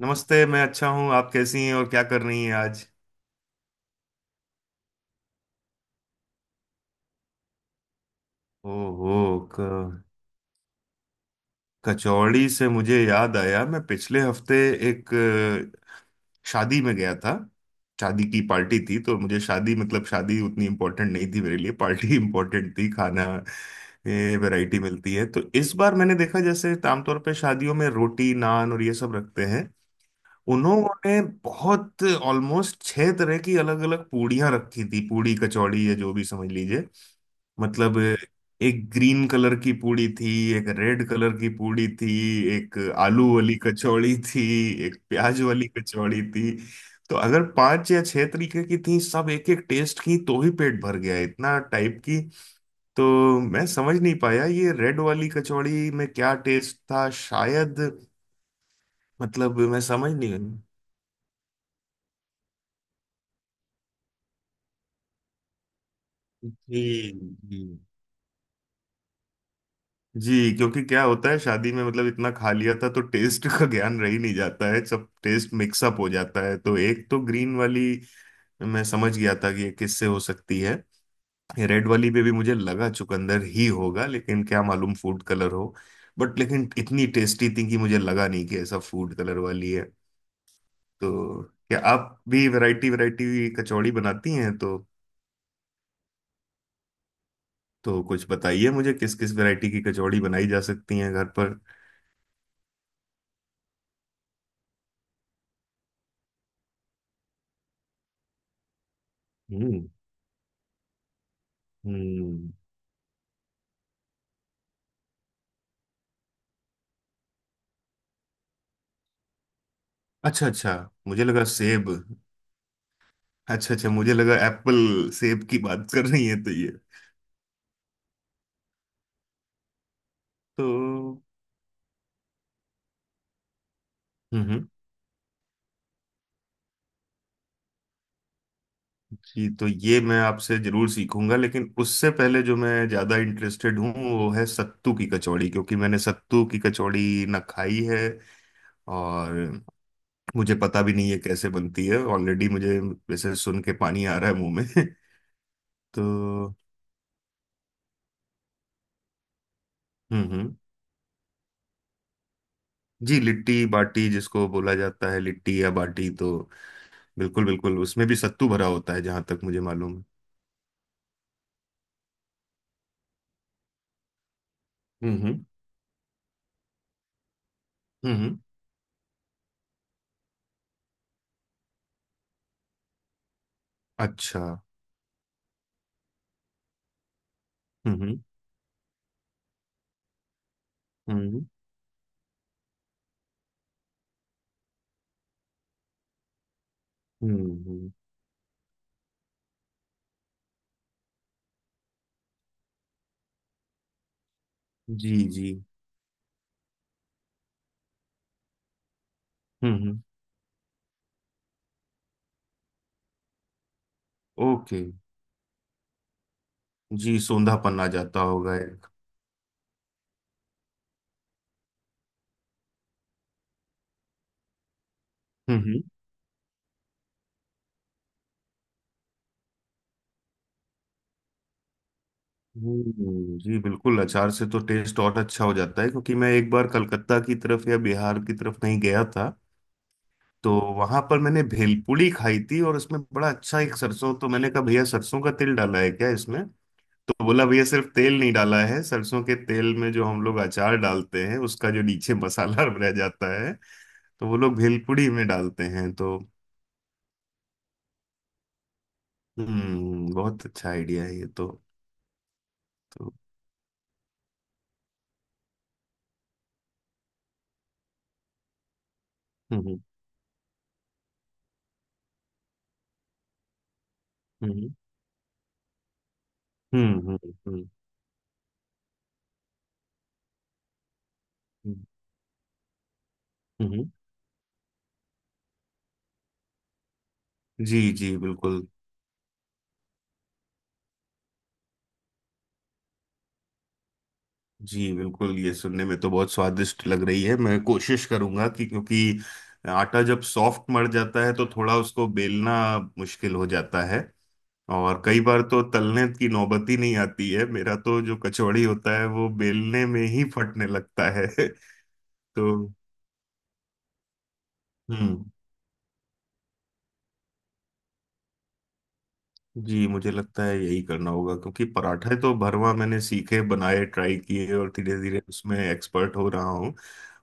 नमस्ते। मैं अच्छा हूँ। आप कैसी हैं और क्या कर रही हैं आज? ओहो। क, कचौड़ी से मुझे याद आया, मैं पिछले हफ्ते एक शादी में गया था। शादी की पार्टी थी, तो मुझे शादी, मतलब शादी उतनी इम्पोर्टेंट नहीं थी मेरे लिए, पार्टी इम्पोर्टेंट थी, खाना। ये वैरायटी मिलती है। तो इस बार मैंने देखा, जैसे आमतौर पे शादियों में रोटी, नान और ये सब रखते हैं। उन्होंने बहुत, ऑलमोस्ट छह तरह की अलग अलग पूड़ियाँ रखी थी, पूड़ी कचौड़ी या जो भी समझ लीजिए। मतलब, एक ग्रीन कलर की पूड़ी थी। एक रेड कलर की पूड़ी थी। एक आलू वाली कचौड़ी थी। एक प्याज वाली कचौड़ी थी। तो अगर पांच या छह तरीके की थी, सब एक एक टेस्ट की, तो ही पेट भर गया, इतना टाइप की। तो मैं समझ नहीं पाया ये रेड वाली कचौड़ी में क्या टेस्ट था, शायद। मतलब मैं समझ नहीं। जी, जी। जी, क्योंकि क्या होता है शादी में, मतलब इतना खा लिया था तो टेस्ट का ज्ञान रह ही नहीं जाता है, सब टेस्ट मिक्सअप हो जाता है। तो एक तो ग्रीन वाली, मैं समझ गया था कि ये किससे हो सकती है। रेड वाली पे भी मुझे लगा चुकंदर ही होगा, लेकिन क्या मालूम फूड कलर हो। बट लेकिन इतनी टेस्टी थी कि मुझे लगा नहीं कि ऐसा फूड कलर वाली है। तो क्या आप भी वैरायटी वैरायटी कचौड़ी बनाती हैं तो? तो कुछ बताइए मुझे, किस किस वैरायटी की कचौड़ी बनाई जा सकती है घर पर। हम्म, हम्म, अच्छा, अच्छा, मुझे लगा सेब। अच्छा, अच्छा, मुझे लगा एप्पल सेब की बात कर रही है तो, ये। तो। हम्म, जी। तो ये मैं आपसे जरूर सीखूंगा, लेकिन उससे पहले जो मैं ज्यादा इंटरेस्टेड हूँ वो है सत्तू की कचौड़ी, क्योंकि मैंने सत्तू की कचौड़ी ना खाई है। और मुझे पता भी नहीं है कैसे बनती है, ऑलरेडी मुझे वैसे सुन के पानी आ रहा है मुंह में तो। हम्म, हम्म, जी लिट्टी बाटी जिसको बोला जाता है, लिट्टी या बाटी तो। बिल्कुल बिल्कुल, उसमें भी सत्तू भरा होता है जहां तक मुझे मालूम है। हम्म, हम्म, हम्म, अच्छा। हम्म, हम्म, हम्म, जी, जी। हम्म, हम्म, ओके। जी, सोंधापन आ जाता होगा एक। हम्म, जी बिल्कुल। अचार से तो टेस्ट और अच्छा हो जाता है, क्योंकि मैं एक बार कलकत्ता की तरफ या बिहार की तरफ नहीं गया था। तो वहां पर मैंने भेलपूरी खाई थी और उसमें बड़ा अच्छा एक सरसों। तो मैंने कहा, भैया सरसों का तिल डाला है क्या इसमें? तो बोला, भैया सिर्फ तेल नहीं डाला है, सरसों के तेल में जो हम लोग अचार डालते हैं उसका जो नीचे मसाला रह जाता है। तो वो लोग भेलपुड़ी में डालते हैं तो। हम्म, बहुत अच्छा आइडिया है ये तो। तो। हम्म, हम्म, हम्म, हम्म, हम्म, हम्म। हम्म, हम्म। जी, जी बिल्कुल। जी बिल्कुल, ये सुनने में तो बहुत स्वादिष्ट लग रही है, मैं कोशिश करूंगा कि, क्योंकि आटा जब सॉफ्ट मर जाता है तो थोड़ा उसको बेलना मुश्किल हो जाता है। और कई बार तो तलने की नौबत ही नहीं आती है, मेरा तो जो कचौड़ी होता है वो बेलने में ही फटने लगता है तो। हम्म, जी मुझे लगता है यही करना होगा, क्योंकि पराठे तो भरवा मैंने सीखे, बनाए, ट्राई किए, और धीरे धीरे उसमें एक्सपर्ट हो रहा हूँ।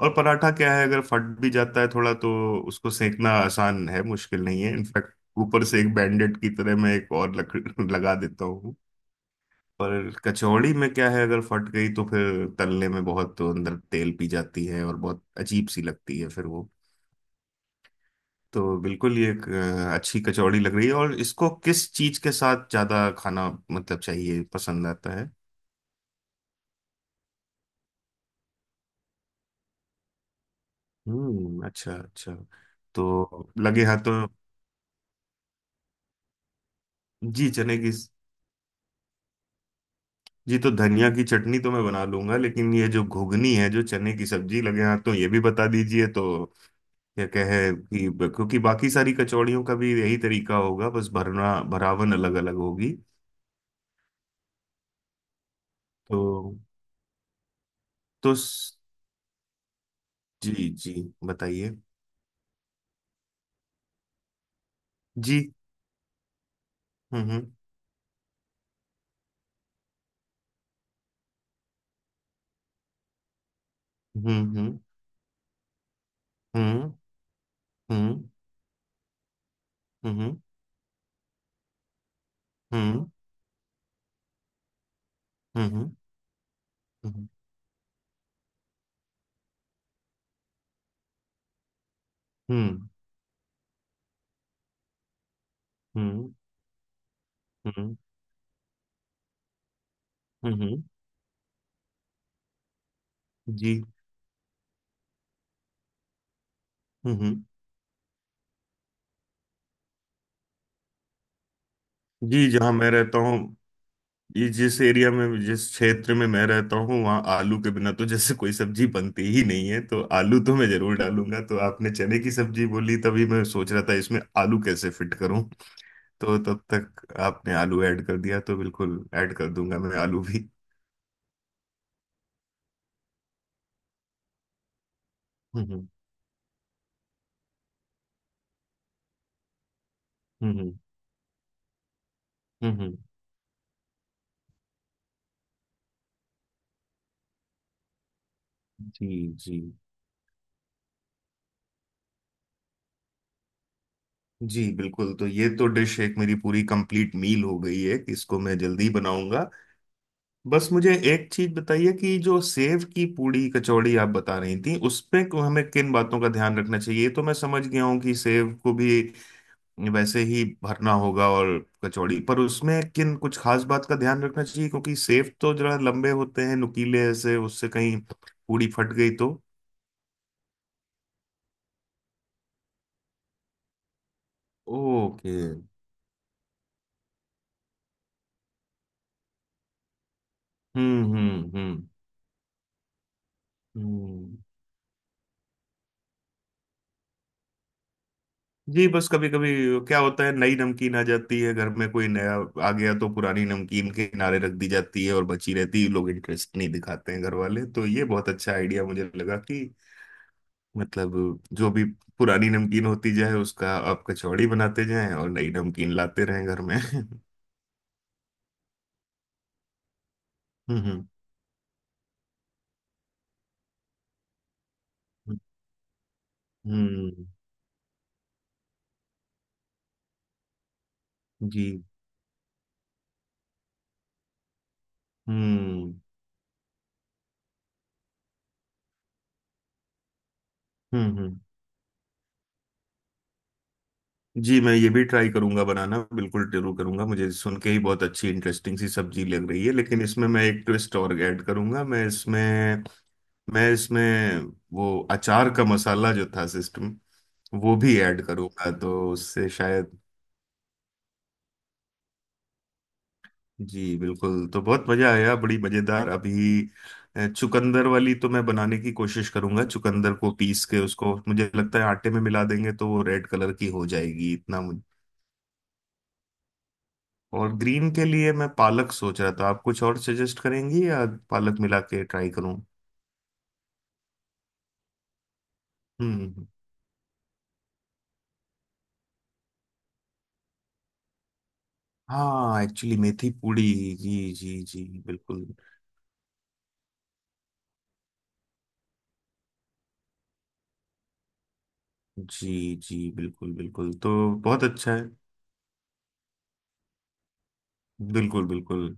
और पराठा क्या है, अगर फट भी जाता है थोड़ा तो उसको सेकना आसान है, मुश्किल नहीं है इनफैक्ट। ऊपर से एक बैंडेड की तरह मैं एक और लकड़ी लगा देता हूँ। पर कचौड़ी में क्या है, अगर फट गई तो फिर तलने में बहुत अंदर तेल पी जाती है, और बहुत अजीब सी लगती है फिर वो। तो बिल्कुल, ये एक अच्छी कचौड़ी लग रही है। और इसको किस चीज के साथ ज्यादा खाना, मतलब चाहिए, पसंद आता है? हम्म, अच्छा, अच्छा। तो लगे हाथ तो। जी, चने की। जी, तो धनिया की चटनी तो मैं बना लूंगा, लेकिन ये जो घुगनी है, जो चने की सब्जी, लगे हाथ तो ये भी बता दीजिए तो। क्या कहे कि, क्योंकि बाकी सारी कचौड़ियों का भी यही तरीका होगा, बस भरना भरावन अलग अलग होगी तो। तो जी, जी, बताइए। जी। हम्म, हम्म, हम्म, हम्म, हम्म, हम्म, हम्म, हम्म, हम्म, हम्म, हम्म, हम्म, हम्म, हम्म, हम्म, जी। हम्म, जी। जहाँ मैं रहता हूँ, ये जिस एरिया में, जिस क्षेत्र में मैं रहता हूँ, वहाँ आलू के बिना तो जैसे कोई सब्जी बनती ही नहीं है। तो आलू तो मैं जरूर डालूंगा। तो आपने चने की सब्जी बोली तभी मैं सोच रहा था इसमें आलू कैसे फिट करूँ। तो तब तक आपने आलू ऐड कर दिया, तो बिल्कुल ऐड कर दूंगा मैं आलू भी। हम्म, हम्म, हम्म, जी, जी, जी बिल्कुल। तो ये तो डिश एक मेरी पूरी कंप्लीट मील हो गई है, इसको मैं जल्दी बनाऊंगा। बस मुझे एक चीज बताइए कि जो सेव की पूड़ी कचौड़ी आप बता रही थी, उसमें को हमें किन बातों का ध्यान रखना चाहिए। ये तो मैं समझ गया हूँ कि सेव को भी वैसे ही भरना होगा, और कचौड़ी पर उसमें किन कुछ खास बात का ध्यान रखना चाहिए, क्योंकि सेव तो जरा लंबे होते हैं, नुकीले ऐसे, उससे कहीं पूड़ी फट गई तो। ओके। हम्म, हम्म, हम्म, हम्म, जी। बस कभी कभी क्या होता है, नई नमकीन आ जाती है, घर में कोई नया आ गया तो पुरानी नमकीन के किनारे रख दी जाती है, और बची रहती है, लोग इंटरेस्ट नहीं दिखाते हैं घर वाले, तो ये बहुत अच्छा आइडिया मुझे लगा कि मतलब, जो भी पुरानी नमकीन होती जाए उसका आप कचौड़ी बनाते जाएं और नई नमकीन लाते रहें घर में हम्म, हम्म, हम्म, जी। हम्म, हम्म, हम्म, जी, मैं ये भी ट्राई करूंगा, बनाना बिल्कुल जरूर करूंगा, मुझे सुन के ही बहुत अच्छी इंटरेस्टिंग सी सब्जी लग रही है, लेकिन इसमें मैं एक ट्विस्ट और ऐड करूंगा। मैं इसमें वो अचार का मसाला जो था सिस्टम, वो भी ऐड करूंगा तो उससे शायद। जी बिल्कुल। तो बहुत मजा आया, बड़ी मजेदार। अभी चुकंदर वाली तो मैं बनाने की कोशिश करूंगा, चुकंदर को पीस के उसको मुझे लगता है आटे में मिला देंगे तो वो रेड कलर की हो जाएगी इतना। और ग्रीन के लिए मैं पालक सोच रहा था, आप कुछ और सजेस्ट करेंगी, या पालक मिला के ट्राई करूं? हम्म, हाँ एक्चुअली मेथी पूड़ी। जी, जी, जी बिल्कुल। जी, जी बिल्कुल बिल्कुल। तो बहुत अच्छा है, बिल्कुल बिल्कुल।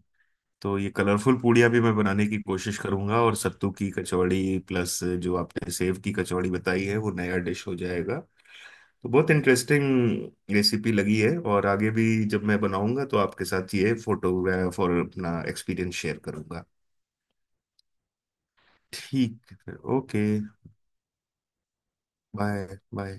तो ये कलरफुल पूड़ियाँ भी मैं बनाने की कोशिश करूंगा, और सत्तू की कचौड़ी प्लस जो आपने सेव की कचौड़ी बताई है, वो नया डिश हो जाएगा। तो बहुत इंटरेस्टिंग रेसिपी लगी है। और आगे भी जब मैं बनाऊंगा तो आपके साथ ये फोटोग्राफ और अपना एक्सपीरियंस शेयर करूंगा। ठीक है, ओके बाय। बाय।